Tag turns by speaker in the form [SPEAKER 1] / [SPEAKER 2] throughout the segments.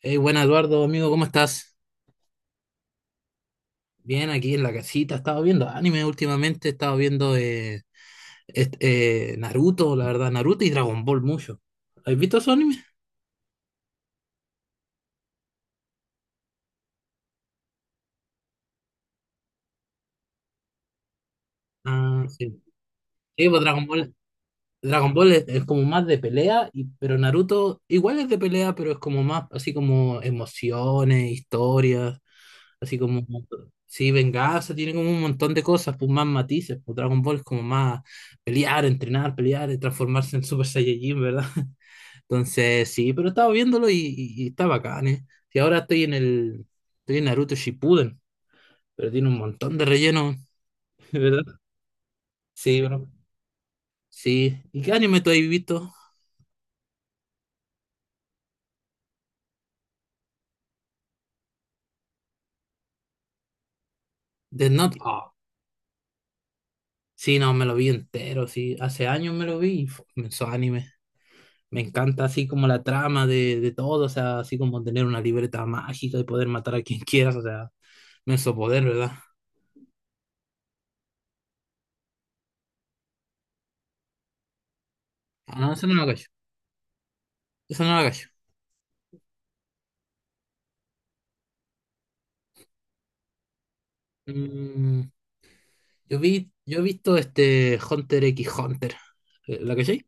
[SPEAKER 1] Hey, buena Eduardo, amigo, ¿cómo estás? Bien, aquí en la casita. He estado viendo anime últimamente, he estado viendo Naruto, la verdad, Naruto y Dragon Ball mucho. ¿Has visto esos animes? Ah, sí. Sí, pues Dragon Ball, Dragon Ball es como más de pelea, y, pero Naruto igual es de pelea, pero es como más así como emociones, historias, así como, sí, venganza, tiene como un montón de cosas, pues más matices. Pues Dragon Ball es como más pelear, entrenar, pelear, y transformarse en Super Saiyajin, ¿verdad? Entonces, sí, pero estaba viéndolo y está bacán, ¿eh? Y ahora estoy en el, estoy en Naruto Shippuden, pero tiene un montón de relleno, ¿verdad? Sí, bro. Sí. ¿Y qué anime tú has visto? Death Note. Ah, sí, no, me lo vi entero, sí. Hace años me lo vi y fu, me hizo anime. Me encanta así como la trama de todo, o sea, así como tener una libreta mágica y poder matar a quien quieras, o sea, me hizo poder, ¿verdad? Ah, no, eso no lo cacho. Eso no lo cacho. Mm, yo vi, yo he visto este Hunter x Hunter. ¿La cachai?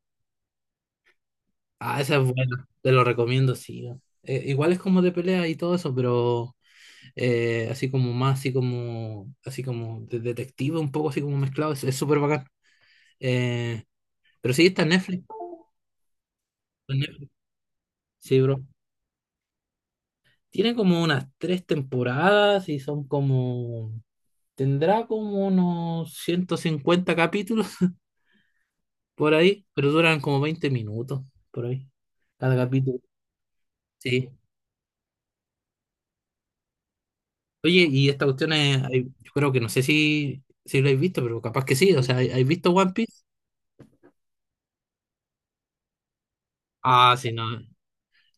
[SPEAKER 1] Ah, esa es buena. Te lo recomiendo, sí. Igual es como de pelea y todo eso, pero así como más, así como de detective, un poco así como mezclado. Es súper bacán. Eh, pero sí, está en Netflix. En Netflix, sí, bro. Tiene como unas tres temporadas y son como. Tendrá como unos 150 capítulos por ahí, pero duran como 20 minutos por ahí, cada capítulo. Sí. Oye, y esta cuestión es, hay- yo creo que no sé si, si lo habéis visto, pero capaz que sí. O sea, ¿hay- ¿habéis visto One Piece? Ah, sí, no.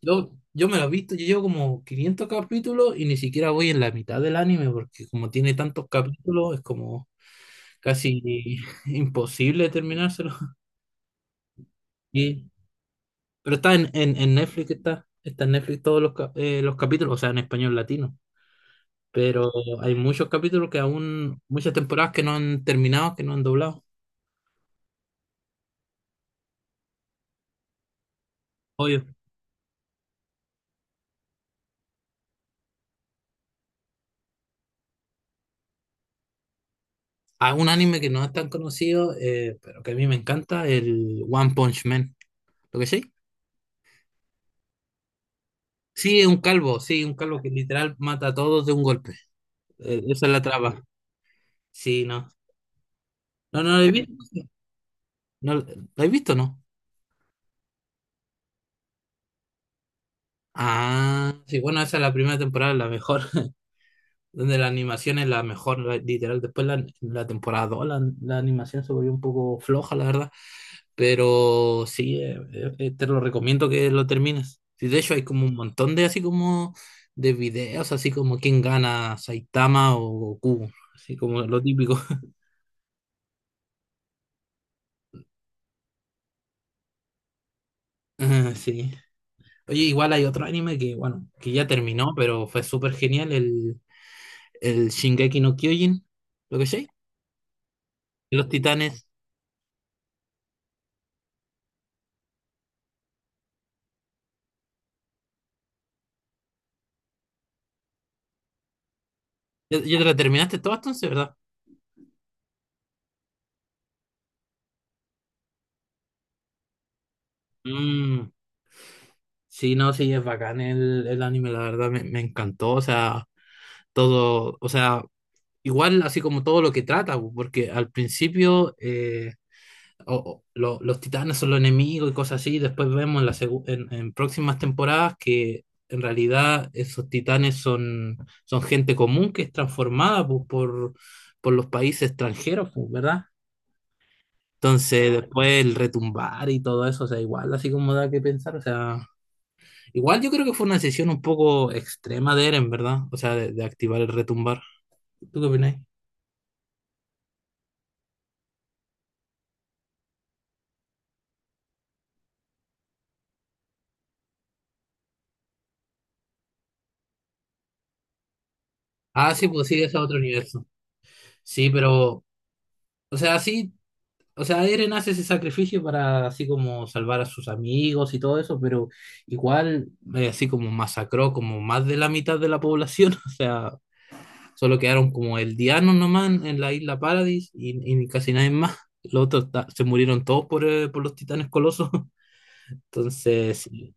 [SPEAKER 1] Yo me lo he visto, yo llevo como 500 capítulos y ni siquiera voy en la mitad del anime, porque como tiene tantos capítulos, es como casi imposible terminárselo. Y, pero está en Netflix, está en Netflix todos los, cap- los capítulos, o sea, en español latino. Pero hay muchos capítulos que aún, muchas temporadas que no han terminado, que no han doblado. Obvio. A un anime que no es tan conocido, pero que a mí me encanta, el One Punch Man. ¿Lo que sí? Sí, es un calvo, sí, un calvo que literal mata a todos de un golpe. Esa es la traba. Sí, no. No, no lo he visto. No, ¿lo he visto, no? Ah, sí, bueno, esa es la primera temporada, la mejor, donde la animación es la mejor, la- literal. Después la, la temporada 2 la, la animación se volvió un poco floja, la verdad. Pero sí, te lo recomiendo que lo termines. Sí, de hecho hay como un montón de así como de videos, así como quién gana, Saitama o Goku, así como lo típico. Ah, sí. Oye, igual hay otro anime que, bueno, que ya terminó, pero fue súper genial, el Shingeki no Kyojin, ¿lo que sé? Los Titanes. ¿Ya, ya te lo terminaste todo entonces, verdad? Mm, sí, no, sí, es bacán el anime, la verdad, me encantó, o sea, todo, o sea, igual, así como todo lo que trata, pu, porque al principio o lo- los titanes son los enemigos y cosas así, y después vemos en, la segu- en próximas temporadas que en realidad esos titanes son, son gente común que es transformada pu, por los países extranjeros, pu, ¿verdad? Entonces, claro. Después el retumbar y todo eso, o sea, igual, así como da que pensar, o sea, igual yo creo que fue una decisión un poco extrema de Eren, ¿verdad? O sea, de activar el retumbar. ¿Tú qué opinas? Ah, sí, pues sí, ese es otro universo. Sí, pero, o sea, sí, o sea, Eren hace ese sacrificio para así como salvar a sus amigos y todo eso, pero igual así como masacró como más de la mitad de la población, o sea, solo quedaron como el Diano nomás en la isla Paradis y casi nadie más. Los otros ta- se murieron todos por los titanes colosos. Entonces, sí,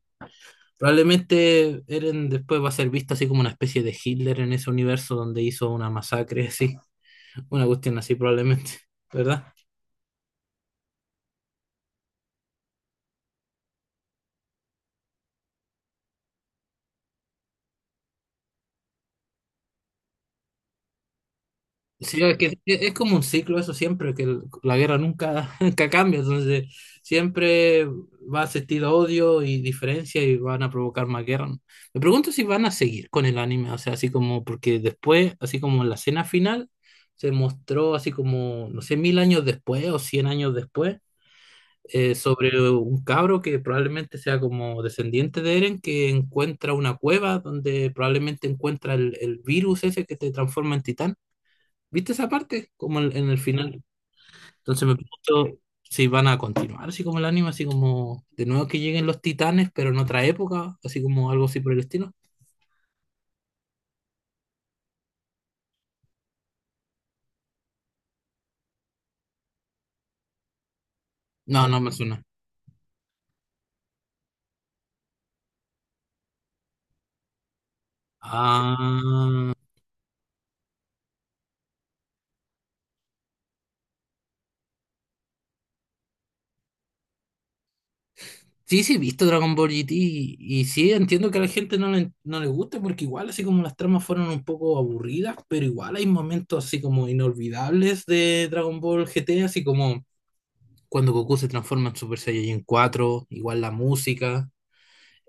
[SPEAKER 1] probablemente Eren después va a ser visto así como una especie de Hitler en ese universo donde hizo una masacre así, una cuestión así probablemente, ¿verdad? Sí, es que es como un ciclo eso siempre, que el- la guerra nunca, nunca cambia, entonces siempre va a existir odio y diferencia y van a provocar más guerra. ¿No? Me pregunto si van a seguir con el anime, o sea, así como, porque después, así como en la escena final, se mostró así como, no sé, 1000 años después o 100 años después, sobre un cabro que probablemente sea como descendiente de Eren, que encuentra una cueva donde probablemente encuentra el virus ese que te transforma en titán. ¿Viste esa parte? Como en el final. Entonces me pregunto si van a continuar, así como el anime, así como de nuevo que lleguen los titanes, pero en otra época, así como algo así por el estilo. No, no me suena. Ah, sí, sí, he visto Dragon Ball GT y sí, entiendo que a la gente no le, no le gusta porque igual así como las tramas fueron un poco aburridas, pero igual hay momentos así como inolvidables de Dragon Ball GT, así como cuando Goku se transforma en Super Saiyajin 4 igual la música.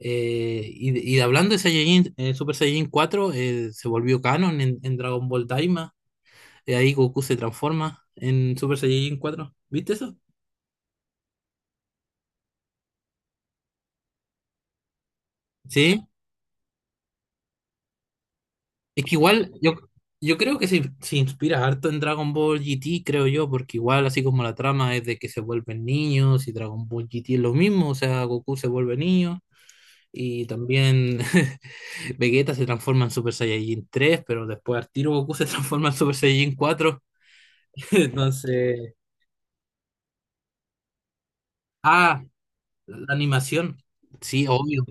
[SPEAKER 1] Y hablando de Saiyajin, Super Saiyajin 4 se volvió canon en Dragon Ball Daima. Ahí Goku se transforma en Super Saiyajin cuatro. ¿Viste eso? Sí. Es que igual yo, yo creo que se inspira harto en Dragon Ball GT, creo yo, porque igual así como la trama es de que se vuelven niños y Dragon Ball GT es lo mismo, o sea, Goku se vuelve niño. Y también Vegeta se transforma en Super Saiyajin 3 pero después al tiro Goku se transforma en Super Saiyajin cuatro. Entonces, ah, la animación. Sí, obvio.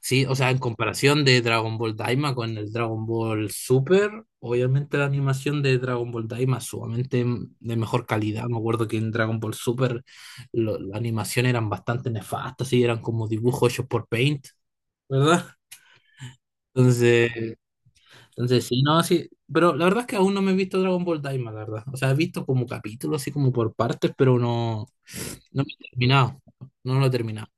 [SPEAKER 1] Sí, o sea, en comparación de Dragon Ball Daima con el Dragon Ball Super, obviamente la animación de Dragon Ball Daima es sumamente m- de mejor calidad. Me acuerdo que en Dragon Ball Super lo- la animación eran bastante nefastas, sí, eran como dibujos hechos por Paint, ¿verdad? Entonces, entonces sí, no, sí. Pero la verdad es que aún no me he visto Dragon Ball Daima, la verdad. O sea, he visto como capítulos, así como por partes, pero no, no me he terminado. No lo he terminado.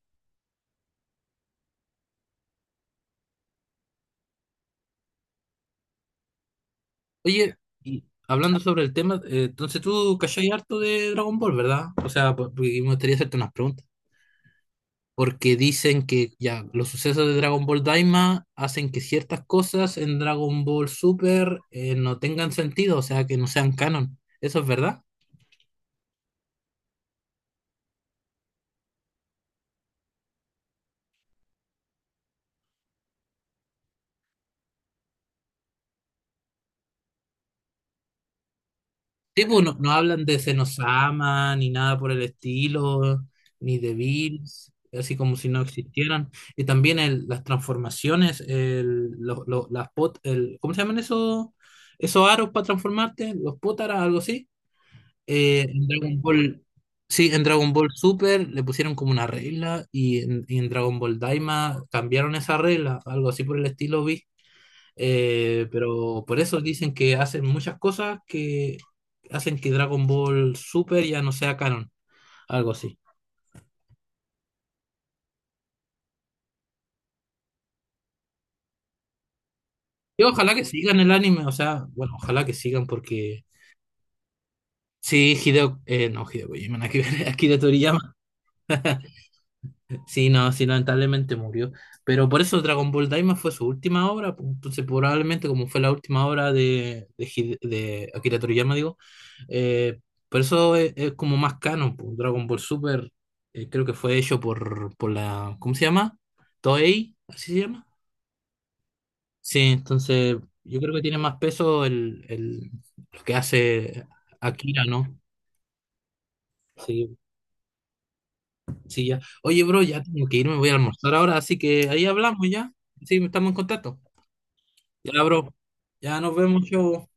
[SPEAKER 1] Oye, y hablando sobre el tema, entonces tú cachai harto de Dragon Ball, ¿verdad? O sea, po- porque me gustaría hacerte unas preguntas. Porque dicen que ya los sucesos de Dragon Ball Daima hacen que ciertas cosas en Dragon Ball Super no tengan sentido, o sea, que no sean canon. ¿Eso es verdad? Sí, pues, no, no hablan de Senosama, ni nada por el estilo, ni de Bills, así como si no existieran. Y también el- las transformaciones, el, lo- las pot, el, ¿cómo se llaman esos, esos aros para transformarte? Los potaras, algo así. En Dragon Ball, sí, en Dragon Ball Super le pusieron como una regla y en Dragon Ball Daima cambiaron esa regla, algo así por el estilo, vi. Pero por eso dicen que hacen muchas cosas que hacen que Dragon Ball Super ya no sea canon, algo así. Yo ojalá que sigan el anime, o sea, bueno, ojalá que sigan porque sí, Hideo, no, Hideo Kojima, nada que ver, Akira Toriyama. Sí, no, sí, lamentablemente murió. Pero por eso Dragon Ball Daima fue su última obra. Pues, entonces, probablemente como fue la última obra de, Hide- de Akira Toriyama, digo, eh, por eso es como más canon. Pues. Dragon Ball Super creo que fue hecho por la, ¿cómo se llama? Toei, así se llama. Sí, entonces yo creo que tiene más peso el, lo que hace Akira, ¿no? Sí, sí, ya. Oye, bro, ya tengo que irme, voy a almorzar ahora, así que ahí hablamos ya. Sí, estamos en contacto. Ya, bro. Ya nos vemos, chavo.